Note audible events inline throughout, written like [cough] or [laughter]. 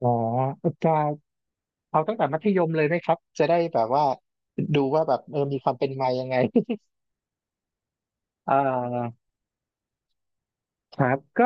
อ๋อจะเอาตั้งแต่มัธยมเลยไหมครับจะได้แบบว่าดูว่าแบบมีความเป็นมายังไงเอ่ [laughs] อครับก็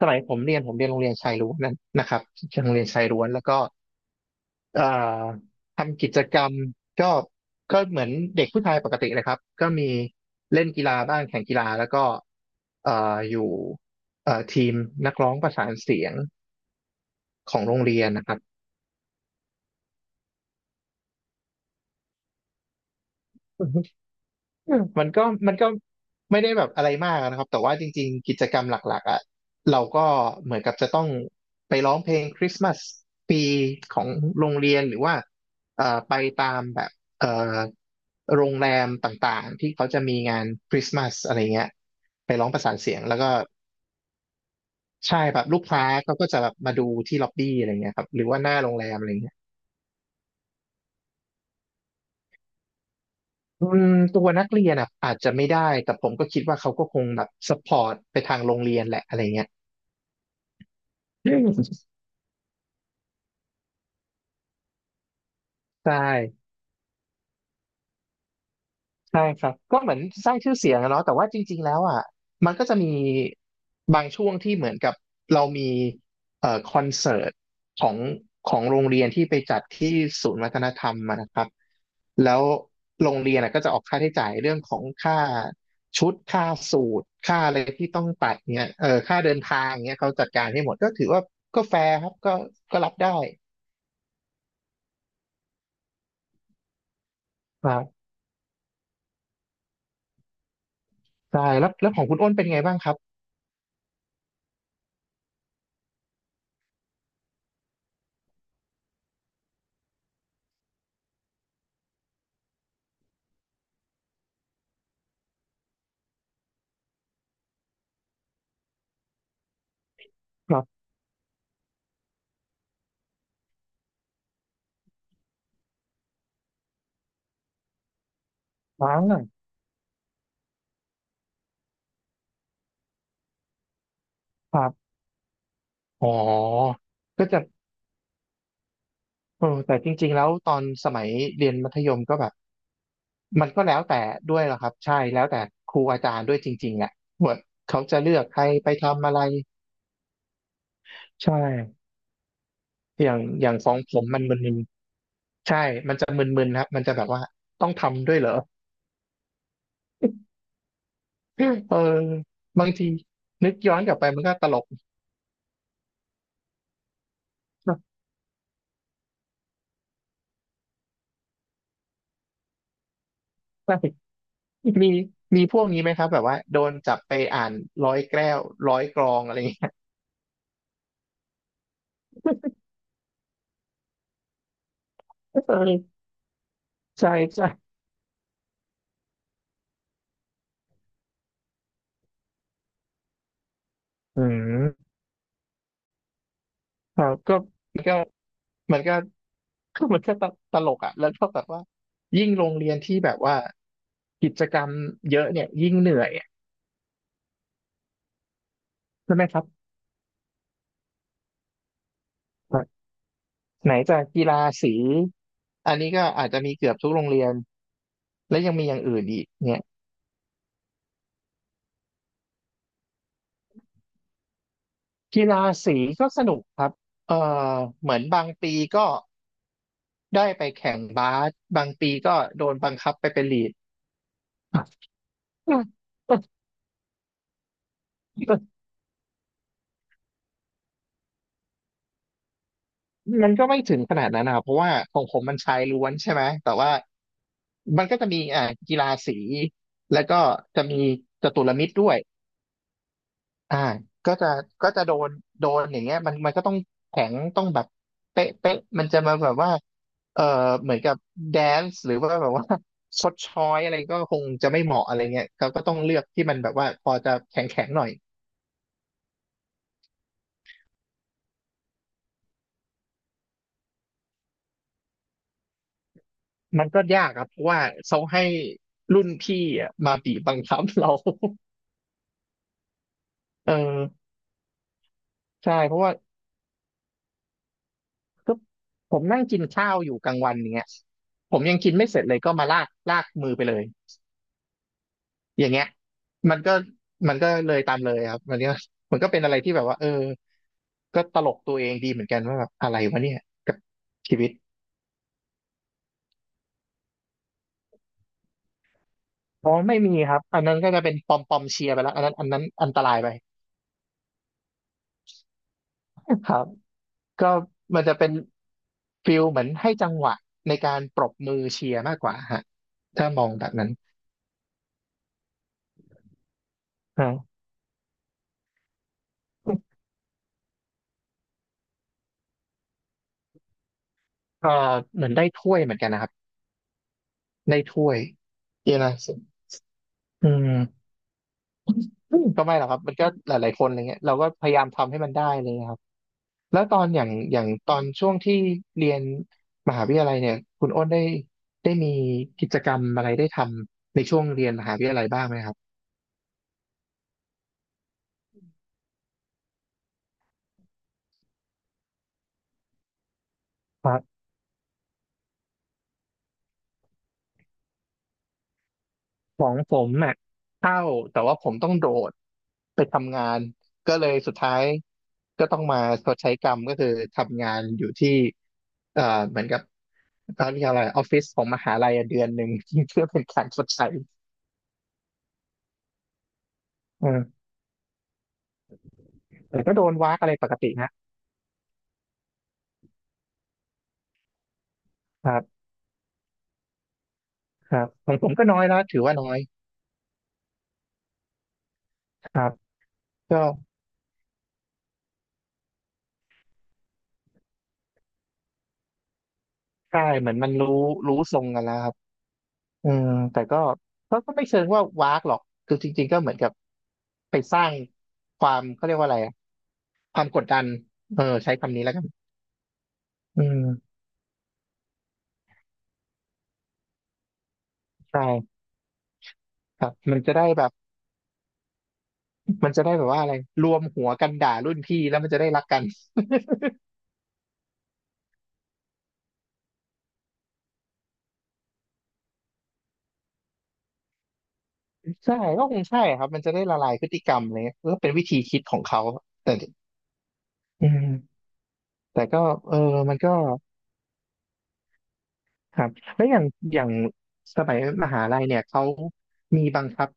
สมัยผมเรียนโรงเรียนชายล้วนนั้นนะครับโรงเรียนชายล้วนแล้วก็เอ่อทำกิจกรรมก็ก็เหมือนเด็กผู้ชายปกติเลยครับก็มีเล่นกีฬาบ้างแข่งกีฬาแล้วก็เอ่ออยู่ทีมนักร้องประสานเสียงของโรงเรียนนะครับ อืมมันก็ไม่ได้แบบอะไรมากนะครับแต่ว่าจริงๆกิจกรรมหลักๆอ่ะเราก็เหมือนกับจะต้องไปร้องเพลงคริสต์มาสปีของโรงเรียนหรือว่าไปตามแบบเอ่อโรงแรมต่างๆที่เขาจะมีงานคริสต์มาสอะไรเงี้ยไปร้องประสานเสียงแล้วก็ใช่แบบลูกค้าเขาก็จะแบบมาดูที่ล็อบบี้อะไรเงี้ยครับหรือว่าหน้าโรงแรมอะไรเงี้ยอืมตัวนักเรียนอ่ะอาจจะไม่ได้แต่ผมก็คิดว่าเขาก็คงแบบสปอร์ตไปทางโรงเรียนแหละอะไรเงี้ย ใช่ใช่ครับก็เหมือนสร้างชื่อเสียงอะเนาะแต่ว่าจริงๆแล้วอ่ะมันก็จะมีบางช่วงที่เหมือนกับเรามีคอนเสิร์ตของของโรงเรียนที่ไปจัดที่ศูนย์วัฒนธรรมอะนะครับแล้วโรงเรียนอะก็จะออกค่าใช้จ่ายเรื่องของค่าชุดค่าสูทค่าอะไรที่ต้องตัดเนี่ยค่าเดินทางเนี่ยเขาจัดการให้หมดก็ถือว่าก็แฟร์ครับก็ก็รับได้ครับใช่แล้วแล้วของคุณอ้นเป็นไงบ้างครับครับว้าวครับ อ๋อก็จะแต่จริงๆแล้วตอนสมัยเรียนมัธยมก็แบบมันก็แล้วแต่ด้วยเหรอครับใช่แล้วแต่ครูอาจารย์ด้วยจริงๆแหละว่าเขาจะเลือกใครไปทำอะไรใช่อย่างอย่างของผมมันมึนๆใช่มันจะมึนๆครับมันจะแบบว่าต้องทำด้วยเหรอ [laughs] เออบางทีนึกย้อนกลับไปมันก็ตลก [laughs] ใช่มีมีพวกนี้ไหมครับแบบว่าโดนจับไปอ่านร้อยแก้วร้อยกรองอะไรอย่างเงี้ย [laughs] เออใช่ใช่ อืมครับก็มันก็มันก็ [laughs] คือมันก็ตลกอ่ะแล้วเท่ากับว่ายิ่งโรงเรียนที่แบบว่ากิจกรรมเยอะเนี่ยยิ่งเหนื่อยอะใช่ไหมครับไหนจะกีฬาสีอันนี้ก็อาจจะมีเกือบทุกโรงเรียนและยังมีอย่างอื่นอีกเนี่ยกีฬาสีก็สนุกครับเอ่อเหมือนบางปีก็ได้ไปแข่งบาสบางปีก็โดนบังคับไปเป็นลีด [laughs] มันก็ไม่ถึงขนาดนั้นนะครับเพราะว่าของผมมันชายล้วนใช่ไหมแต่ว่ามันก็จะมีอ่ากีฬาสีแล้วก็จะมีจตุรมิตรด้วยอ่าก็จะก็จะโดนอย่างเงี้ยมันก็ต้องแข็งต้องแบบเป๊ะเป๊ะมันจะมาแบบว่าเอ่อเหมือนกับแดนซ์หรือว่าแบบว่า [laughs] ชดช้อยอะไรก็คงจะไม่เหมาะอะไรเงี้ยเขาก็ต้องเลือกที่มันแบบว่าพอจะแข็งแข็งหน่อยมันก็ยากครับเพราะว่าเขาให้รุ่นพี่อะมาบีบบังคับเรา [laughs] เออ ใช่เพราะว่าก็ผมนั่งกินข้าวอยู่กลางวันอย่างเงี้ยผมยังกินไม่เสร็จเลยก็มาลากลากมือไปเลยอย่างเงี้ยมันก็มันก็เลยตามเลยครับมันก็เป็นอะไรที่แบบว่าก็ตลกตัวเองดีเหมือนกันว่าแบบอะไรวะเนี่ยกับชีวิตอ๋อไม่มีครับอันนั้นก็จะเป็นปอมปอมเชียร์ไปแล้วอันนั้นอันตรายไป [laughs] ครับก็มันจะเป็นฟิลเหมือนให้จังหวะในการปรบมือเชียร์มากกว่าฮะถ้ามองแบบนั้นอ่าก็เหมือนได้ถ้วยเหมือนกันนะครับ ได้ถ้วยเยอะนะสุดอืมอืมก็ไม่หรอกครับมันก็หลายๆคนอะไรเงี้ยเราก็พยายามทำให้มันได้อะไรเลยครับแล้วตอนอย่างอย่างตอนช่วงที่เรียนมหาวิทยาลัยเนี่ยคุณอ้นได้มีกิจกรรมอะไรได้ทำในช่วงเรียนมหาวิทยาลัยบ้างไหมครับ ของผมอ่ะเข้าแต่ว่าผมต้องโดดไปทำงานก็เลยสุดท้ายก็ต้องมาชดใช้กรรมก็คือทำงานอยู่ที่เอ่อเหมือนกับเขาเรียกอะไรออฟฟิศของมหาลัยอะเดือนหนึ่ง [laughs] เพื่อเป็นการชดใช้เออแต่ก็โดนวากอะไรปกตินะครับครับของผมก็น้อยแล้วถือว่าน้อยครับก็ใช่เหมือนมันรู้ทรงกันแล้วครับอืมแต่ก็ก็ไม่เชิงว่าวากหรอกคือจริงๆก็เหมือนกับไปสร้างความเขาเรียกว่าอะไร ความกดดันใช้คำนี้แล้วกันอืมใช่ครับมันจะได้แบบมันจะได้แบบว่าอะไรรวมหัวกันด่ารุ่นพี่แล้วมันจะได้รักกันใช่ก็คงใช่ครับมันจะได้ละลายพฤติกรรมอะไรเลยก็เป็นวิธีคิดของเขาแต่อืมแต่ก็เออมันก็ครับแล้วอย่างอย่างสมัยมหาลัยเนี่ยเขามีบังคับ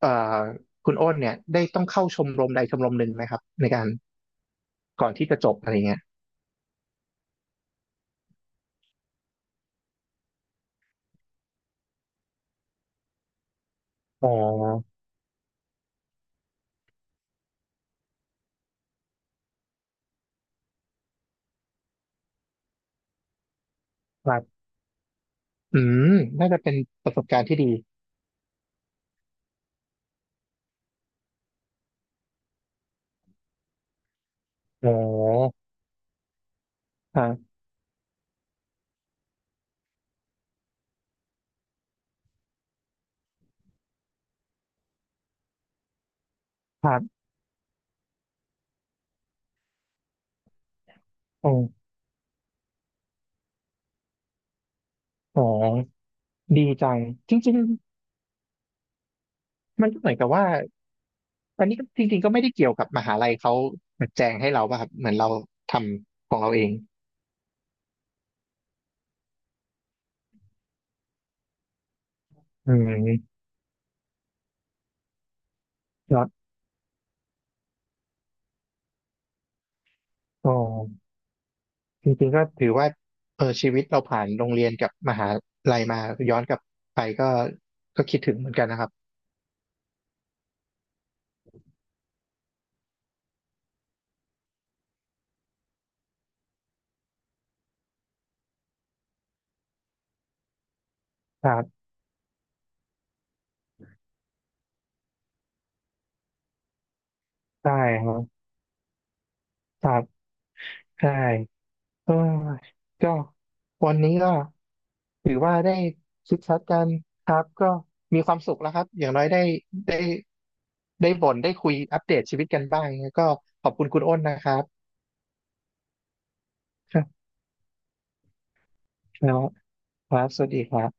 เอ่อคุณอ้นเนี่ยได้ต้องเข้าชมรมใดชมรมหนึ่งไหมครับในการก่อนที่จะจบอะไรเงี้ยอ๋อครับอืมน่าจะเป็นประสบการณ์ที่ดี อ๋อครับครับอ๋ออ๋อดีจัง จริงๆ มันก็เหมือนกับว่าอันนี้ก็จริงๆก็ไม่ได้เกี่ยวกับมหาลัยเขาแจงให้เราป่ะครับเหมือนเราทำของเราเอง อืมครับอ๋อจริงๆก็ถือว่าชีวิตเราผ่านโรงเรียนกับมหาลัยมา ย้อนกลับไปก็ก็คิดถึงเหมือนกันนะครับครับได้ครับครับใช่ เออก็วันนี้ก็ถือว่าได้ชิดชัดกันครับก็มีความสุขแล้วครับอย่างน้อยได้ได้บ่นได้คุยอัปเดตชีวิตกันบ้างก็ขอบคุณคุณอ้นนะครับครับแล้วครับสวัสดีครับ